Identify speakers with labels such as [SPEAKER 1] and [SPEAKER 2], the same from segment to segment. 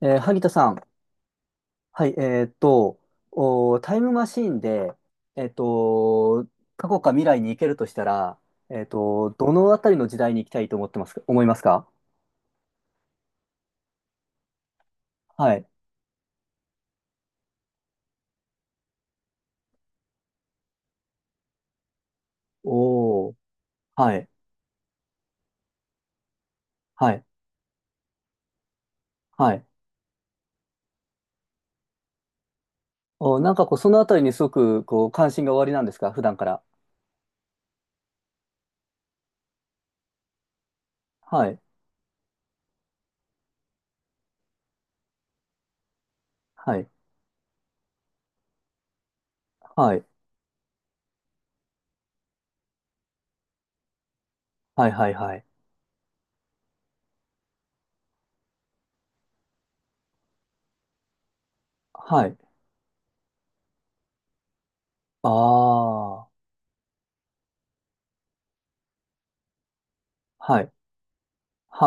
[SPEAKER 1] 萩田さん。はい、タイムマシーンで、えーっと、過去か未来に行けるとしたら、どのあたりの時代に行きたいと思いますか。はい。おー、はい、はい、はい。おー、なんかこう、そのあたりにすごく、こう、関心がおありなんですか、普段から。はい、はい、はい、はい、はい、はい。はい。ああ、はい、は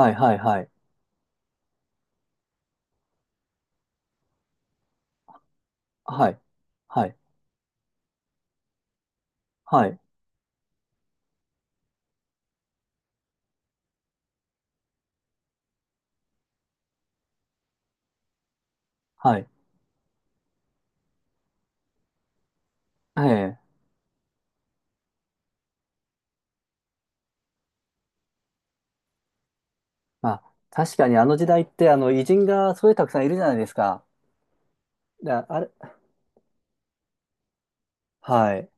[SPEAKER 1] い、はい、はい、はい、はい、はい、はい、はい、ええ、まあ、確かにあの時代って、あの、偉人がすごいたくさんいるじゃないですか。でああれ、はい。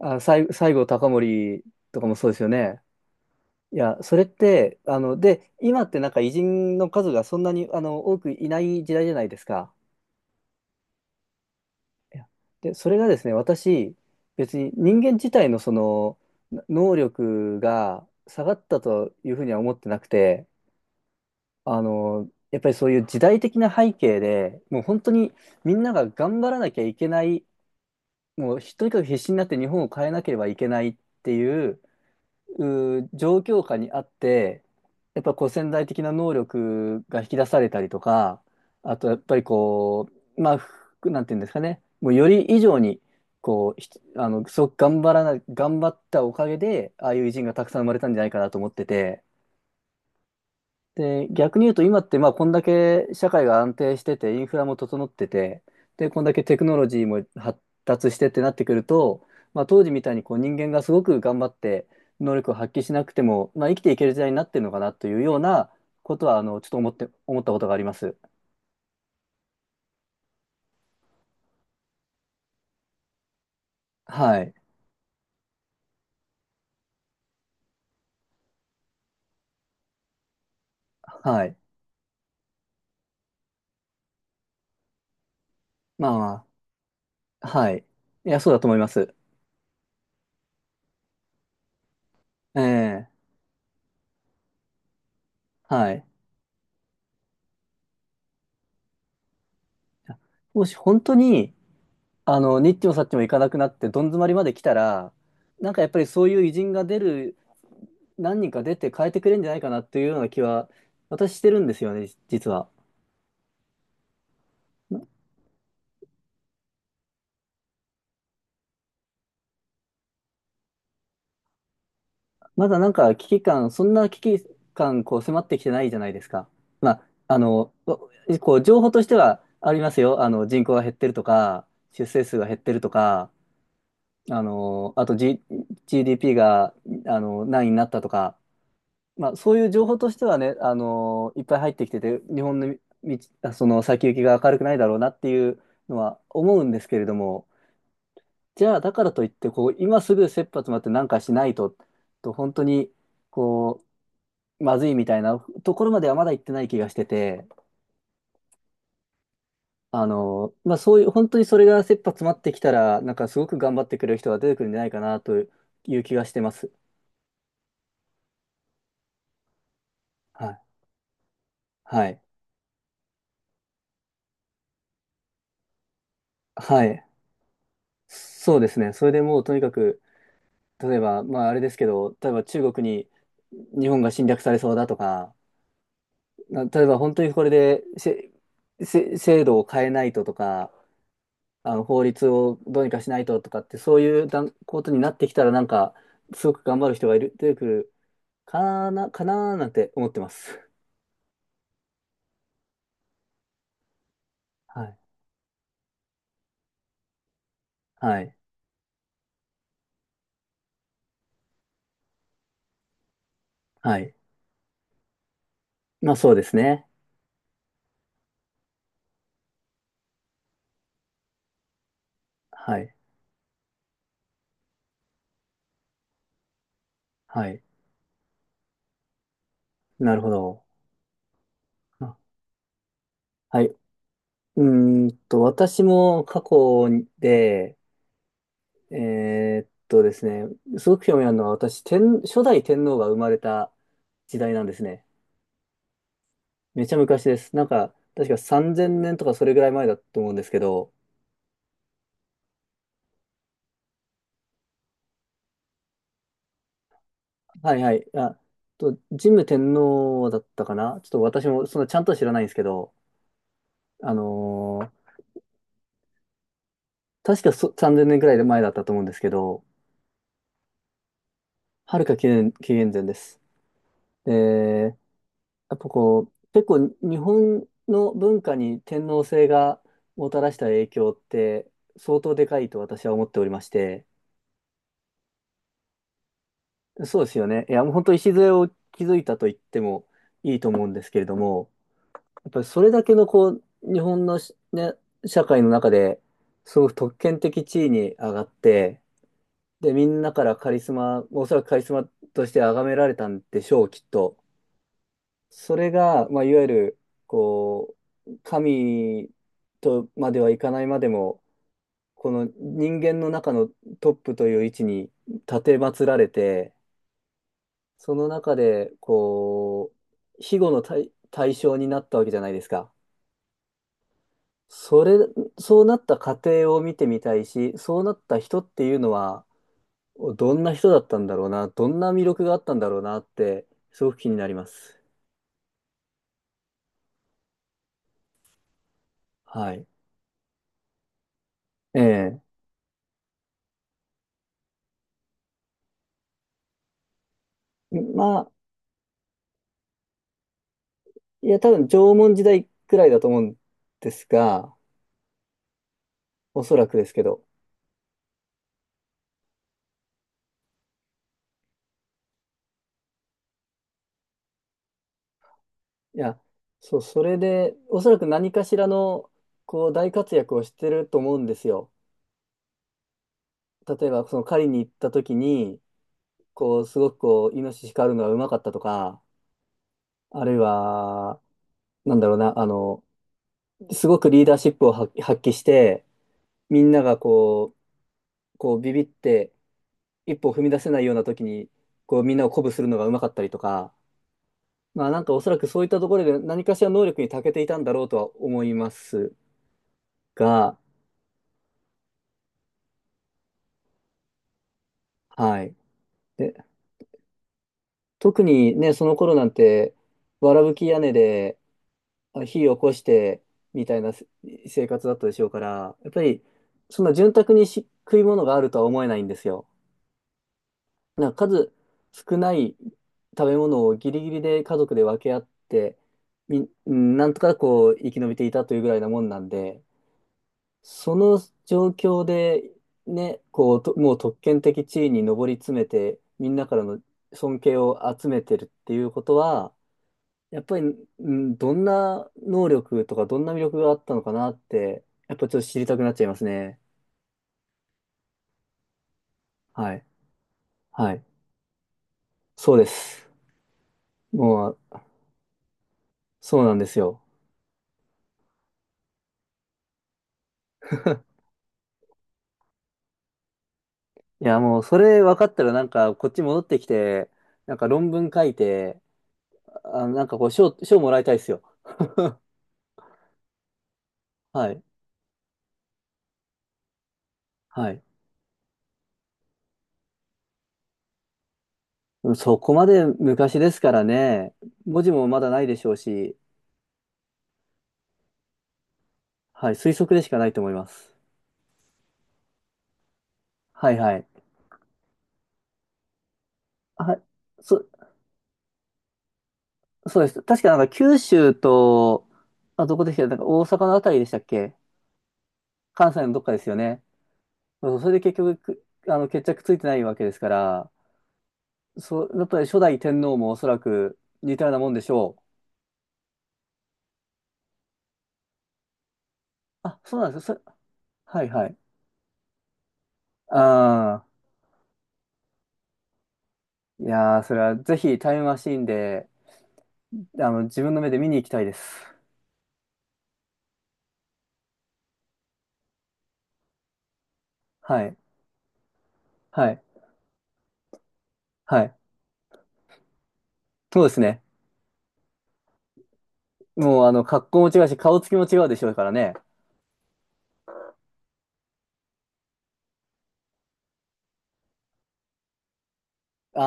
[SPEAKER 1] あ、西郷隆盛とかもそうですよね。いや、それって、あの、で、今ってなんか偉人の数がそんなに、あの、多くいない時代じゃないですか。いやで、それがですね、私、別に人間自体のその、能力が下がったというふうには思ってなくて、あの、やっぱりそういう時代的な背景で、もう本当にみんなが頑張らなきゃいけない、もうとにかく必死になって日本を変えなければいけないっていう状況下にあって、やっぱこう潜在的な能力が引き出されたりとか、あとやっぱりこうまあふなんていうんですかね、もうより以上にこうひあの、すごく頑張ったおかげで、ああいう偉人がたくさん生まれたんじゃないかなと思ってて。で、逆に言うと今って、まあこんだけ社会が安定してて、インフラも整ってて、でこんだけテクノロジーも発達してってなってくると、まあ、当時みたいにこう人間がすごく頑張って能力を発揮しなくても、まあ、生きていける時代になってるのかなというようなことは、あのちょっと思ったことがあります。はい。はい。まあまあ。はい。いや、そうだと思います。ええ、はい。もし本当に、あの、にっちもさっちも行かなくなって、どん詰まりまで来たら、なんかやっぱりそういう偉人が出る、何人か出て変えてくれるんじゃないかなっていうような気は、私してるんですよね、実は。ままだなんか危機感、そんな危機感、こう迫ってきてないじゃないですか。まあ、あの、こう、情報としてはありますよ。あの、人口が減ってるとか、出生数が減ってるとか、あの、あと、G、d p が、あの、何位になったとか、まあ、そういう情報としてはね、あのーいっぱい入ってきてて、日本のその先行きが明るくないだろうなっていうのは思うんですけれども、じゃあ、だからといって、こう、今すぐ切羽詰まってなんかしないと、本当に、こう、まずいみたいなところまではまだ行ってない気がしてて、あのー、まあ、そういう、本当にそれが切羽詰まってきたら、なんかすごく頑張ってくれる人が出てくるんじゃないかなという気がしてます。はい。はい。はい。そうですね。それでもうとにかく、例えば、まああれですけど、例えば中国に日本が侵略されそうだとか、例えば本当にこれで制度を変えないととか、あの法律をどうにかしないととかって、そういうことになってきたら、なんか、すごく頑張る人が出てくるかな、かなーなんて思ってます。はい。はい。はい。まあそうですね。はい。はい。なるほど。あ、はい。うーんと、私も過去で、ですね、すごく興味あるのは、私、初代天皇が生まれた時代なんですね。めちゃ昔です。なんか、確か3000年とかそれぐらい前だと思うんですけど、はいはい。あ、と、神武天皇だったかな、ちょっと私もそんなちゃんとは知らないんですけど、あのー、確か3000年ぐらい前だったと思うんですけど、はるか紀元前です。で、やっぱこう、結構日本の文化に天皇制がもたらした影響って相当でかいと私は思っておりまして、そうですよね。いや、もう本当礎を築いたと言ってもいいと思うんですけれども、やっぱりそれだけのこう、日本のしね、社会の中で、すごく特権的地位に上がって、で、みんなからカリスマ、おそらくカリスマとして崇められたんでしょう、きっと。それが、まあ、いわゆる、こう、神とまではいかないまでも、この人間の中のトップという位置に立て祀られて、その中で、こう、庇護の対象になったわけじゃないですか。それ、そうなった過程を見てみたいし、そうなった人っていうのは、どんな人だったんだろうな、どんな魅力があったんだろうなって、すごく気になります。はい。ええ。まあ、いや、多分縄文時代くらいだと思うんですが、おそらくですけど。いや、そう、それで、おそらく何かしらの、こう、大活躍をしてると思うんですよ。例えば、その狩りに行った時に、こう、すごく、イノシシ狩るのがうまかったとか、あるいは、なんだろうな、あの、すごくリーダーシップを発揮して、みんながこう、ビビって、一歩踏み出せないような時に、こう、みんなを鼓舞するのがうまかったりとか、まあなんかおそらくそういったところで何かしら能力に長けていたんだろうとは思いますが、はい。で、特にね、その頃なんて、わらぶき屋根で火を起こしてみたいな生活だったでしょうから、やっぱりそんな潤沢に食い物があるとは思えないんですよ。なんか数少ない食べ物をギリギリで家族で分け合って、み、うんなんとかこう生き延びていたというぐらいなもんなんで、その状況で、ね、こう、もう特権的地位に上り詰めて、みんなからの尊敬を集めてるっていうことは、やっぱり、うん、どんな能力とか、どんな魅力があったのかなって、やっぱちょっと知りたくなっちゃいますね。はい。はい。そうです。もう、そうなんですよ。いや、もう、それ分かったら、なんか、こっち戻ってきて、なんか論文書いて、あ、なんかこう、賞もらいたいですよ。はい。はい。そこまで昔ですからね、文字もまだないでしょうし、はい、推測でしかないと思います。はいはい。はい、そ、そうです。確かなんか九州と、あ、どこでしたっけ、なんか大阪のあたりでしたっけ。関西のどっかですよね。そう、それで結局、あの、決着ついてないわけですから、そう、やっぱり初代天皇もおそらく似たようなもんでしょう。あ、そうなんですよ。はいはい。ああ、いやー、それはぜひタイムマシーンで、あの、自分の目で見に行きたいです。はい。はい。はい。そうですね。もう、あの、格好も違うし、顔つきも違うでしょうからね。あ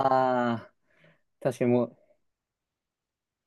[SPEAKER 1] あ、確かにもう、